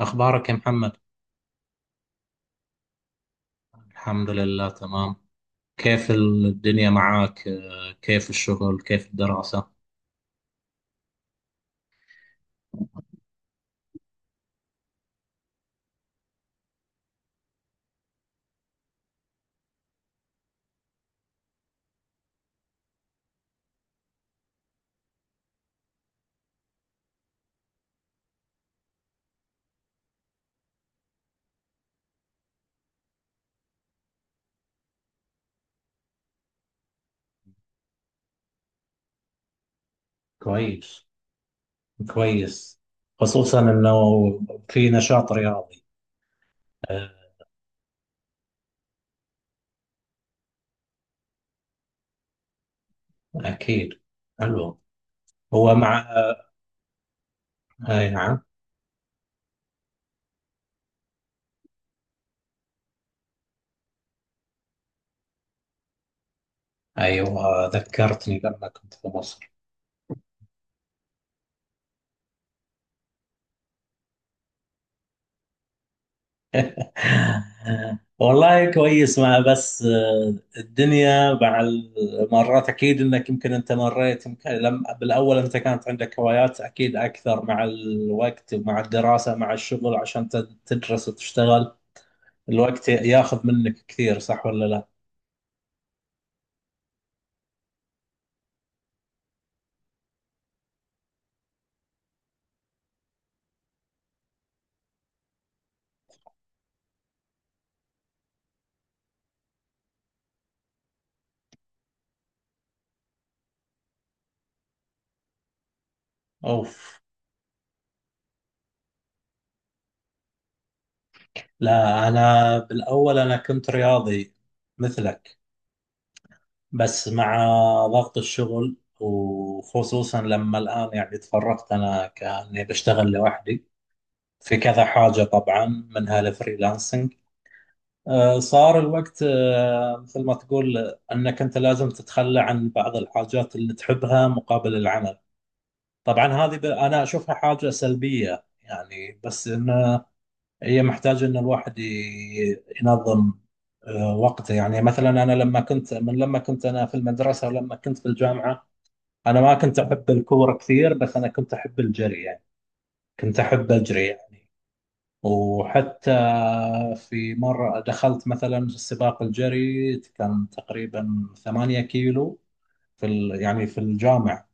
أخبارك يا محمد؟ الحمد لله تمام. كيف الدنيا معاك؟ كيف الشغل؟ كيف الدراسة؟ كويس، كويس. خصوصا انه في نشاط رياضي. آه، اكيد. حلو. هو مع آه، اي نعم. ايوه، ذكرتني لما كنت في مصر. والله كويس. مع بس الدنيا مع المرات اكيد انك يمكن انت مريت، يمكن لم بالاول انت كانت عندك هوايات اكيد اكثر، مع الوقت مع الدراسة مع الشغل عشان تدرس وتشتغل. الوقت ياخذ منك كثير، صح ولا لا؟ اوف. لا، انا بالاول انا كنت رياضي مثلك، بس مع ضغط الشغل، وخصوصا لما الان يعني تفرغت انا كاني بشتغل لوحدي في كذا حاجة. طبعا منها الفريلانسنج. صار الوقت، مثل ما تقول، أنك أنت لازم تتخلى عن بعض الحاجات اللي تحبها مقابل العمل. طبعا هذه أنا أشوفها حاجة سلبية يعني، بس إن هي محتاجة إن الواحد ينظم وقته. يعني مثلا أنا لما كنت، لما كنت أنا في المدرسة ولما كنت في الجامعة، أنا ما كنت أحب الكورة كثير، بس أنا كنت أحب الجري يعني. كنت أحب أجري يعني. وحتى في مرة دخلت مثلا سباق الجري، كان تقريبا 8 كيلو في يعني في الجامعة.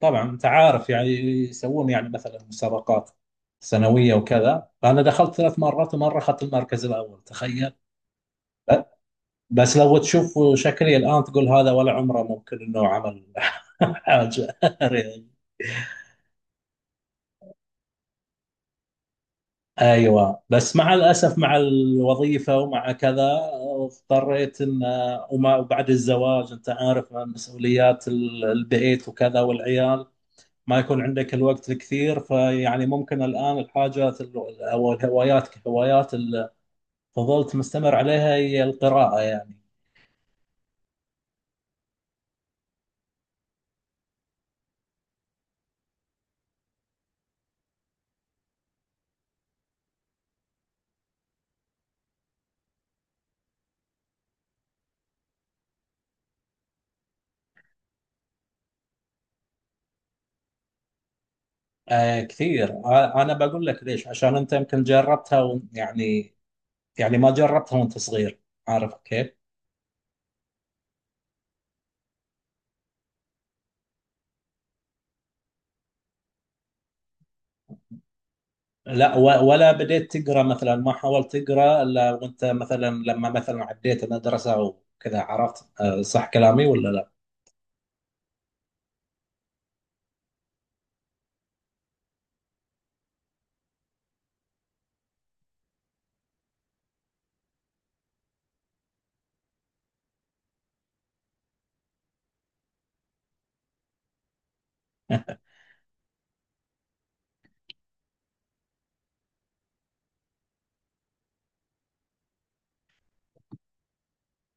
طبعا انت عارف يعني يسوون يعني مثلا مسابقات سنوية وكذا، فأنا دخلت ثلاث مرات، ومرة أخذت المركز الأول، تخيل. بس لو تشوف شكلي الآن تقول هذا ولا عمره ممكن إنه عمل حاجة. ايوه، بس مع الاسف، مع الوظيفه ومع كذا، اضطريت ان، وبعد الزواج، انت عارف، مسؤوليات البيت وكذا والعيال، ما يكون عندك الوقت الكثير. فيعني ممكن الان الحاجات او الهوايات، كهوايات اللي فضلت مستمر عليها، هي القراءه يعني. آه كثير. انا بقول لك ليش. عشان انت يمكن جربتها يعني، يعني ما جربتها وانت صغير، عارف كيف. لا ولا بديت تقرا مثلا، ما حاولت تقرا الا وانت مثلا لما مثلا عديت المدرسه وكذا. عرفت صح كلامي ولا لا؟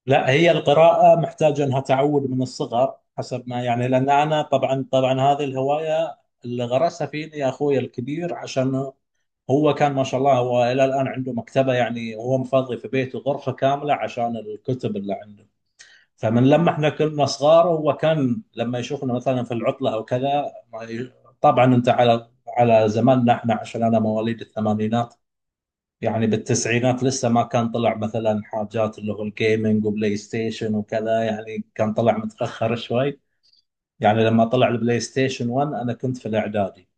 لا، هي القراءه محتاجه انها تعود من الصغر، حسب ما يعني. لان انا طبعا طبعا هذه الهوايه اللي غرسها فيني يا اخوي الكبير. عشان هو كان ما شاء الله، هو الى الان عنده مكتبه، يعني هو مفضي في بيته غرفه كامله عشان الكتب اللي عنده. فمن لما احنا كنا صغار، هو كان لما يشوفنا مثلا في العطله او كذا ما ي- طبعا انت على زماننا احنا، عشان انا مواليد الثمانينات، يعني بالتسعينات لسه ما كان طلع مثلا حاجات اللي هو الجيمنج وبلاي ستيشن وكذا، يعني كان طلع متاخر شوي. يعني لما طلع البلاي ستيشن 1، انا كنت في الاعدادي.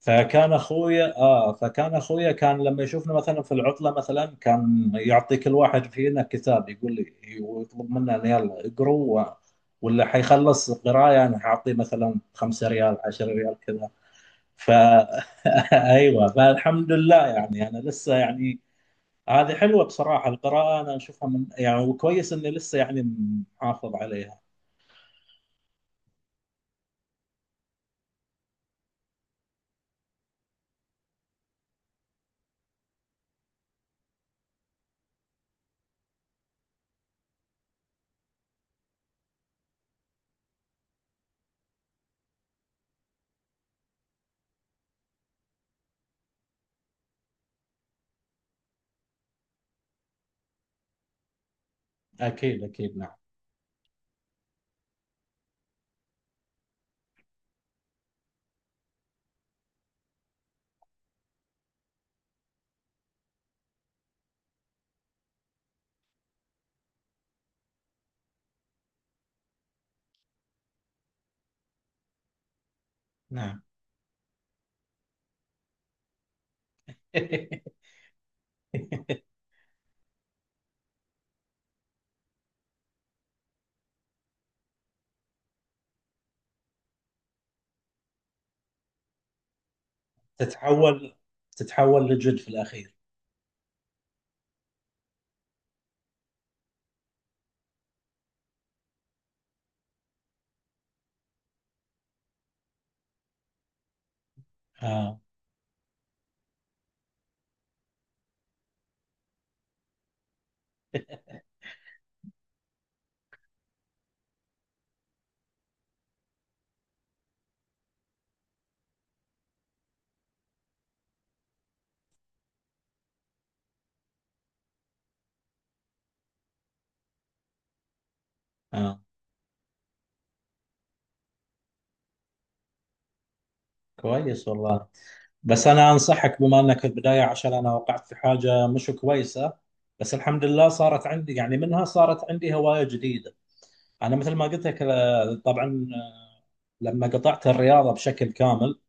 فكان اخويا كان لما يشوفنا مثلا في العطله، مثلا كان يعطي كل واحد فينا كتاب، يقول لي، ويطلب منا إن يلا اقروا ولا حيخلص قرايه انا حاعطيه مثلا 5 ريال، 10 ريال كذا. ف ايوه، فالحمد لله يعني انا لسه يعني هذه حلوه بصراحه، القراءه انا اشوفها من يعني، وكويس اني لسه يعني محافظ عليها. اكيد، اكيد، نعم. نعم. تتحول، تتحول لجد في الاخير. آه. آه. كويس والله. بس أنا أنصحك، بما أنك في البداية، عشان أنا وقعت في حاجة مش كويسة، بس الحمد لله صارت عندي يعني منها، صارت عندي هواية جديدة. أنا مثل ما قلت لك، طبعا، لما قطعت الرياضة بشكل كامل،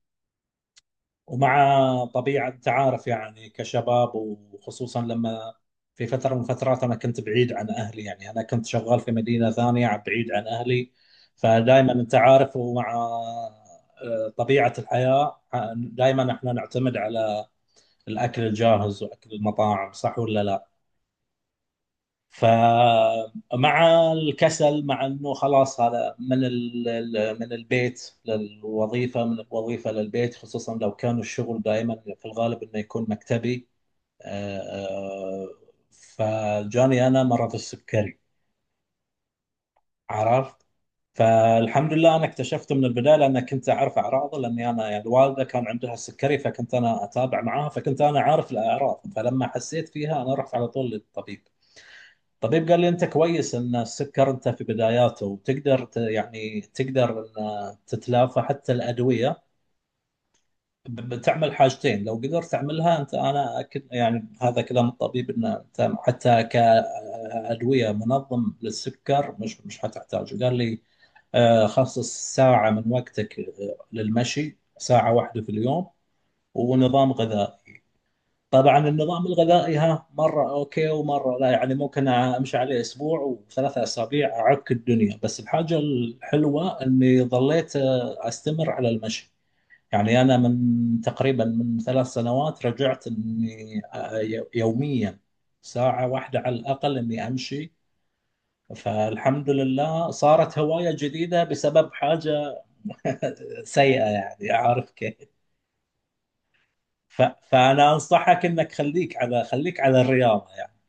ومع طبيعة تعارف يعني كشباب، وخصوصا لما في فترة من الفترات أنا كنت بعيد عن أهلي، يعني أنا كنت شغال في مدينة ثانية بعيد عن أهلي، فدائما أنت عارف، ومع طبيعة الحياة دائما احنا نعتمد على الأكل الجاهز وأكل المطاعم، صح ولا لا؟ فمع الكسل، مع انه خلاص هذا من من البيت للوظيفه، من الوظيفه للبيت، خصوصا لو كان الشغل دائما في الغالب انه يكون مكتبي. آه، آه، فجاني انا مرض السكري، عرفت. فالحمد لله انا اكتشفته من البدايه، لان كنت اعرف اعراضه، لاني انا يعني الوالده كان عندها السكري، فكنت انا اتابع معاها، فكنت انا عارف الاعراض. فلما حسيت فيها انا رحت على طول للطبيب. طبيب قال لي انت كويس ان السكر انت في بداياته، وتقدر يعني تقدر ان تتلافى حتى الادويه. بتعمل حاجتين لو قدرت تعملها انت، انا اكد يعني هذا كلام الطبيب، ان انت حتى كادويه منظم للسكر مش مش حتحتاجه، قال لي خصص ساعه من وقتك للمشي، ساعه واحده في اليوم، ونظام غذائي. طبعا النظام الغذائي ها مره اوكي ومره لا، يعني ممكن امشي عليه اسبوع وثلاثة اسابيع اعك الدنيا، بس الحاجه الحلوه اني ظليت استمر على المشي. يعني انا من تقريبا من 3 سنوات رجعت اني يوميا ساعه واحده على الاقل اني امشي. فالحمد لله صارت هوايه جديده بسبب حاجه سيئه، يعني عارف كيف. ف- فانا انصحك انك خليك على الرياضه يعني.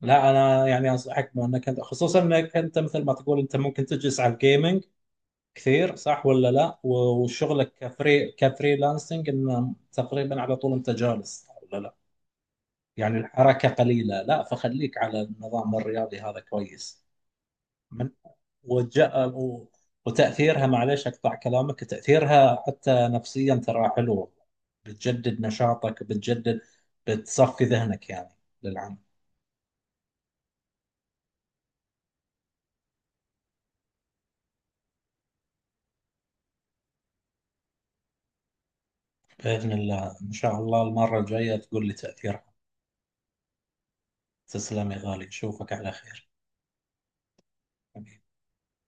لا انا يعني انصحك بانك انت، خصوصا انك انت مثل ما تقول انت ممكن تجلس على الجيمنج كثير، صح ولا لا؟ وشغلك كفريلانسنج انه تقريبا على طول انت جالس، صح ولا لا؟ يعني الحركه قليله. لا، فخليك على النظام الرياضي هذا، كويس. من وجاء و- وتاثيرها، معليش اقطع كلامك، تاثيرها حتى نفسيا ترى حلو، بتجدد نشاطك، بتجدد، بتصفي ذهنك يعني للعمل. بإذن الله إن شاء الله المرة الجاية تقول لي تأثيرها. تسلم يا غالي، أشوفك على خير.